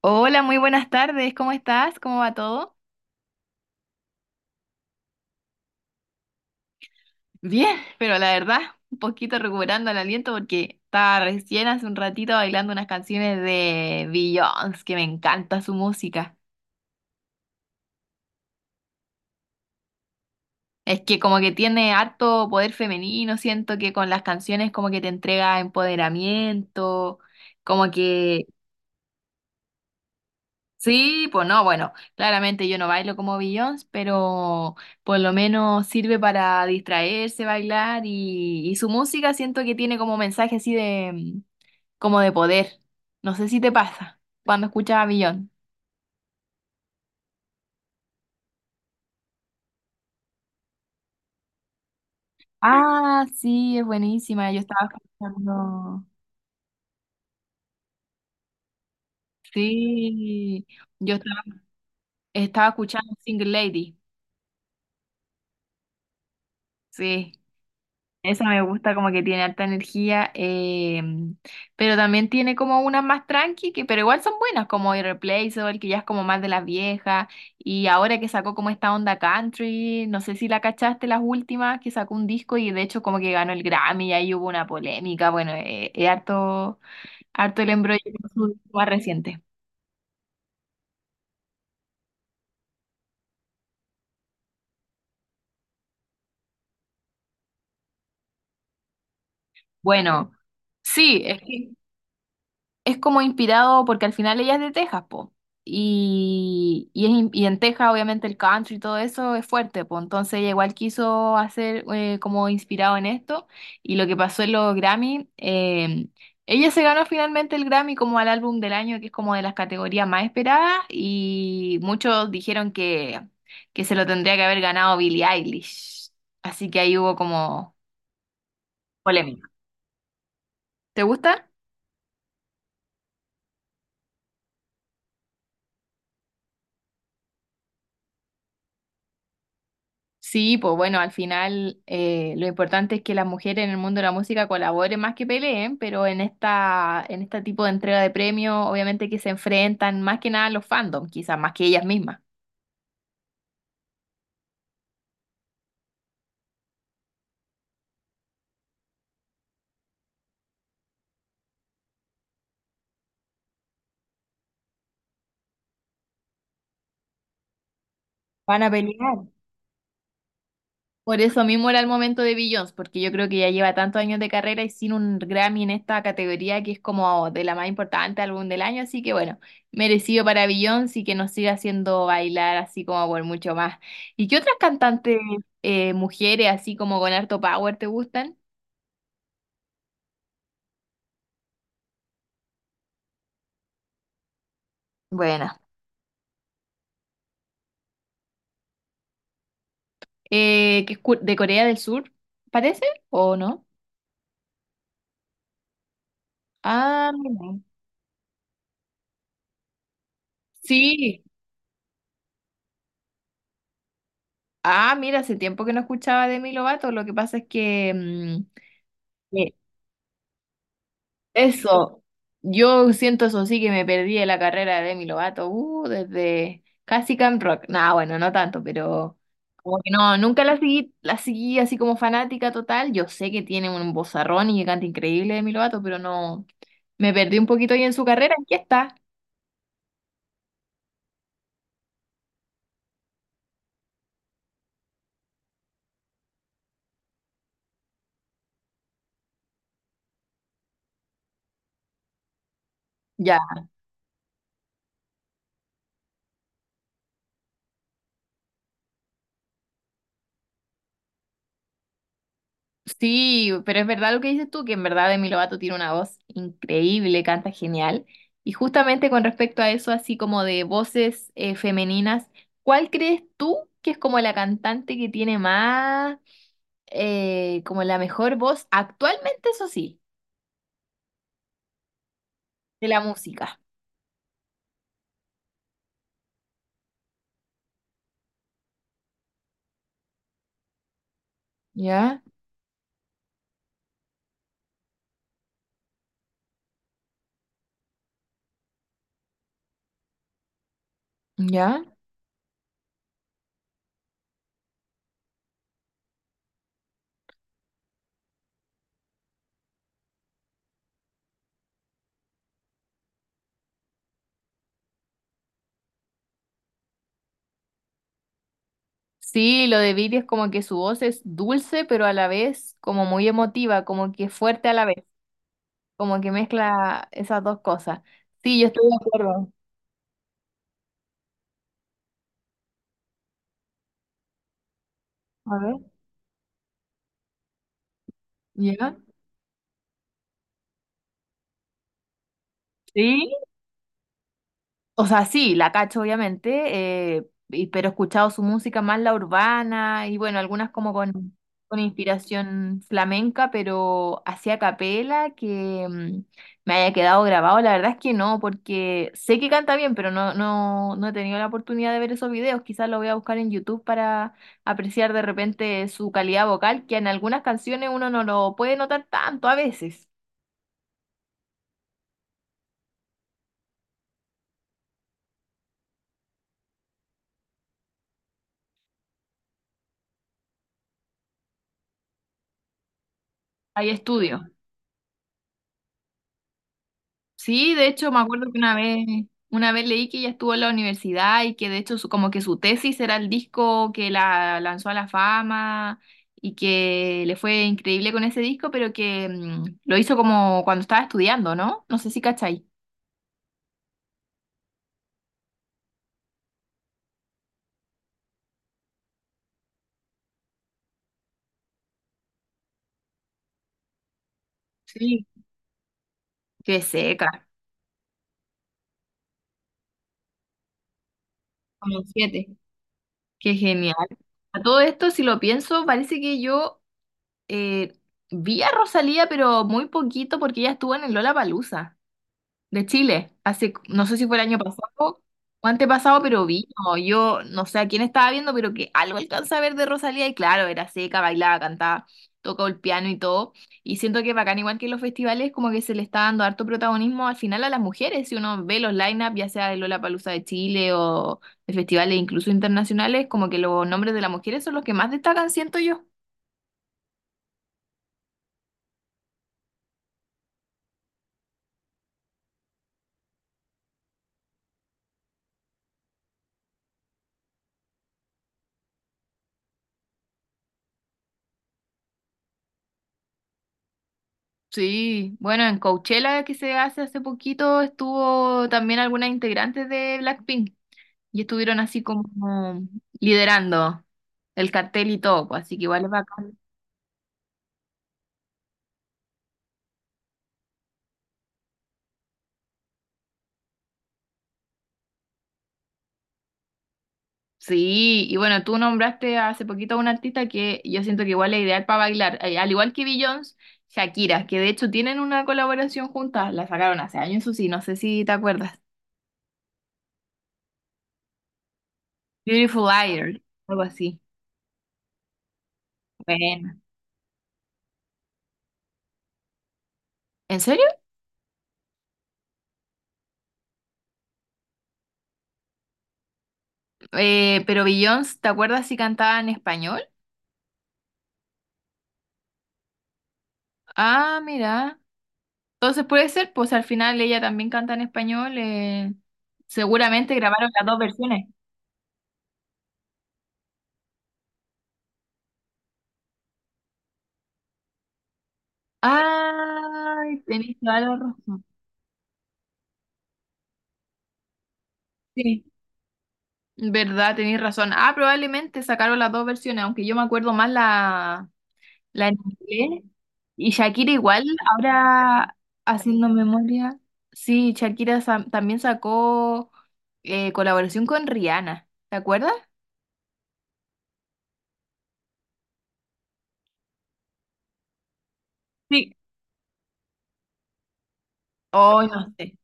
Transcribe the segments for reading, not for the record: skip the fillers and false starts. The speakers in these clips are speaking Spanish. Hola, muy buenas tardes. ¿Cómo estás? ¿Cómo va todo? Bien, pero la verdad, un poquito recuperando el aliento porque estaba recién hace un ratito bailando unas canciones de Beyoncé, que me encanta su música. Es que como que tiene harto poder femenino, siento que con las canciones como que te entrega empoderamiento, como que. Sí, pues no, bueno, claramente yo no bailo como Beyoncé, pero por lo menos sirve para distraerse, bailar y su música siento que tiene como mensaje así de como de poder. No sé si te pasa cuando escuchas a Beyoncé. Ah, sí, es buenísima. Yo estaba escuchando, sí, yo estaba, estaba escuchando Single Lady, sí. Esa me gusta, como que tiene alta energía, pero también tiene como unas más tranqui, que, pero igual son buenas, como Irreplaceable, que ya es como más de las viejas, y ahora que sacó como esta onda country, no sé si la cachaste las últimas, que sacó un disco y de hecho como que ganó el Grammy, y ahí hubo una polémica, bueno, es harto, harto el embrollo con su disco más reciente. Bueno, sí, es que... es como inspirado porque al final ella es de Texas, po. Y es in- y en Texas obviamente el country y todo eso es fuerte, po. Entonces ella igual quiso hacer como inspirado en esto y lo que pasó en los Grammy, ella se ganó finalmente el Grammy como al álbum del año, que es como de las categorías más esperadas y muchos dijeron que se lo tendría que haber ganado Billie Eilish. Así que ahí hubo como polémica. ¿Te gusta? Sí, pues bueno, al final lo importante es que las mujeres en el mundo de la música colaboren más que peleen, pero en este tipo de entrega de premios, obviamente que se enfrentan más que nada los fandom, quizás más que ellas mismas. Van a pelear. Por eso mismo era el momento de Beyoncé, porque yo creo que ya lleva tantos años de carrera y sin un Grammy en esta categoría que es como de la más importante álbum del año, así que bueno, merecido para Beyoncé y que nos siga haciendo bailar así como por mucho más. ¿Y qué otras cantantes mujeres así como con harto power te gustan? Buena. ¿Que es cu- de Corea del Sur, parece? ¿O no? Ah, mira. Sí. Ah, mira, hace tiempo que no escuchaba de Demi Lovato. Lo que pasa es que eh, eso, yo siento eso sí que me perdí de la carrera de Demi Lovato, desde casi Camp Rock. Nah, bueno, no tanto, pero como que no, nunca la seguí, la seguí así como fanática total. Yo sé que tiene un vozarrón y que canta increíble Demi Lovato, pero no, me perdí un poquito ahí en su carrera. Aquí está. Ya. Sí, pero es verdad lo que dices tú, que en verdad Demi Lovato tiene una voz increíble, canta genial. Y justamente con respecto a eso, así como de voces femeninas, ¿cuál crees tú que es como la cantante que tiene más, como la mejor voz actualmente, eso sí, de la música? ¿Ya? ¿Ya? Sí, lo de Viri es como que su voz es dulce, pero a la vez como muy emotiva, como que fuerte a la vez, como que mezcla esas dos cosas. Sí, yo estoy de acuerdo. A ver. ¿Ya? Sí. O sea, sí, la cacho, obviamente, pero he escuchado su música más la urbana y bueno, algunas como con inspiración flamenca, pero así a capela que me haya quedado grabado, la verdad es que no, porque sé que canta bien, pero no, no, no he tenido la oportunidad de ver esos videos. Quizás lo voy a buscar en YouTube para apreciar de repente su calidad vocal, que en algunas canciones uno no lo puede notar tanto a veces. Hay estudios. Sí, de hecho me acuerdo que una vez leí que ella estuvo en la universidad y que de hecho su- como que su tesis era el disco que la lanzó a la fama y que le fue increíble con ese disco, pero que lo hizo como cuando estaba estudiando, ¿no? No sé si cachai. Sí. Qué seca, como 7. Qué genial. A todo esto, si lo pienso, parece que yo eh, vi a Rosalía, pero muy poquito porque ella estuvo en el Lollapalooza de Chile. Hace, no sé si fue el año pasado o antepasado, pero vino. Yo no sé a quién estaba viendo, pero que algo alcanza a ver de Rosalía y claro, era seca, bailaba, cantaba, tocaba el piano y todo. Y siento que bacán, igual que en los festivales, como que se le está dando harto protagonismo al final a las mujeres. Si uno ve los line-up, ya sea de Lollapalooza de Chile o de festivales incluso internacionales, como que los nombres de las mujeres son los que más destacan, siento yo. Sí, bueno, en Coachella que se hace hace poquito estuvo también algunas integrantes de Blackpink. Y estuvieron así como liderando el cartel y todo, pues, así que igual es bacán. Sí, y bueno, tú nombraste hace poquito a una artista que yo siento que igual es ideal para bailar, al igual que Beyoncé, Shakira, que de hecho tienen una colaboración juntas, la sacaron hace años, eso sí, no sé si te acuerdas. Beautiful Liar, algo así. Bueno. ¿En serio? Pero Beyoncé, ¿te acuerdas si cantaba en español? Ah, mira. Entonces puede ser, pues al final ella también canta en español. Seguramente grabaron las dos versiones. Ay, tenéis toda la razón. Sí, verdad, tenéis razón. Ah, probablemente sacaron las dos versiones, aunque yo me acuerdo más la en inglés. Y Shakira igual, ahora haciendo memoria. Sí, Shakira sa- también sacó colaboración con Rihanna, ¿te acuerdas? Sí. Oh, no sé.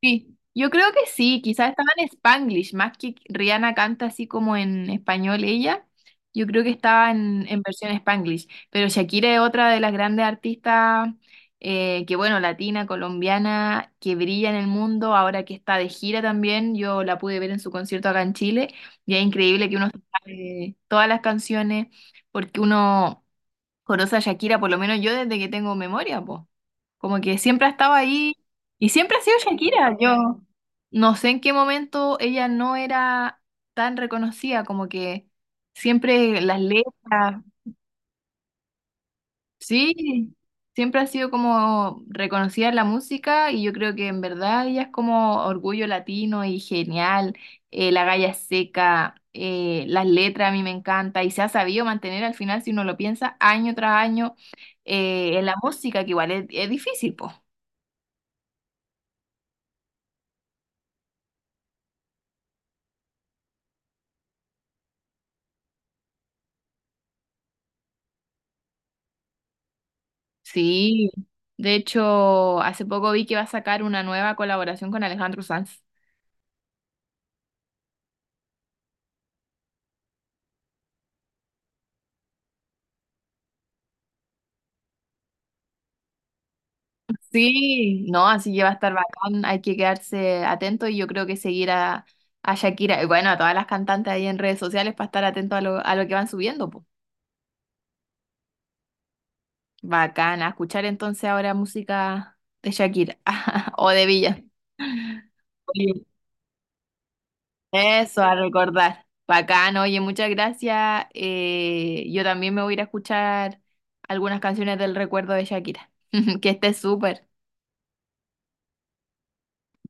Sí, yo creo que sí, quizás estaba en Spanglish, más que Rihanna canta así como en español ella, yo creo que estaba en versión Spanglish, pero Shakira es otra de las grandes artistas que bueno, latina, colombiana, que brilla en el mundo, ahora que está de gira también, yo la pude ver en su concierto acá en Chile, y es increíble que uno se sabe todas las canciones, porque uno conoce a Shakira, por lo menos yo desde que tengo memoria, pues. Como que siempre ha estado ahí y siempre ha sido Shakira. Yo no sé en qué momento ella no era tan reconocida, como que siempre las letras, sí, siempre ha sido como reconocida en la música y yo creo que en verdad ella es como orgullo latino y genial, la galla es seca, las letras a mí me encanta y se ha sabido mantener al final, si uno lo piensa, año tras año en la música, que igual es difícil, pues. Sí, de hecho, hace poco vi que va a sacar una nueva colaboración con Alejandro Sanz. Sí, no, así que va a estar bacán, hay que quedarse atento y yo creo que seguir a Shakira y bueno, a todas las cantantes ahí en redes sociales para estar atento a lo que van subiendo, po. Bacán, a escuchar entonces ahora música de Shakira o de Villa. Eso, a recordar. Bacán, oye, muchas gracias. Yo también me voy a ir a escuchar algunas canciones del recuerdo de Shakira. Que esté súper.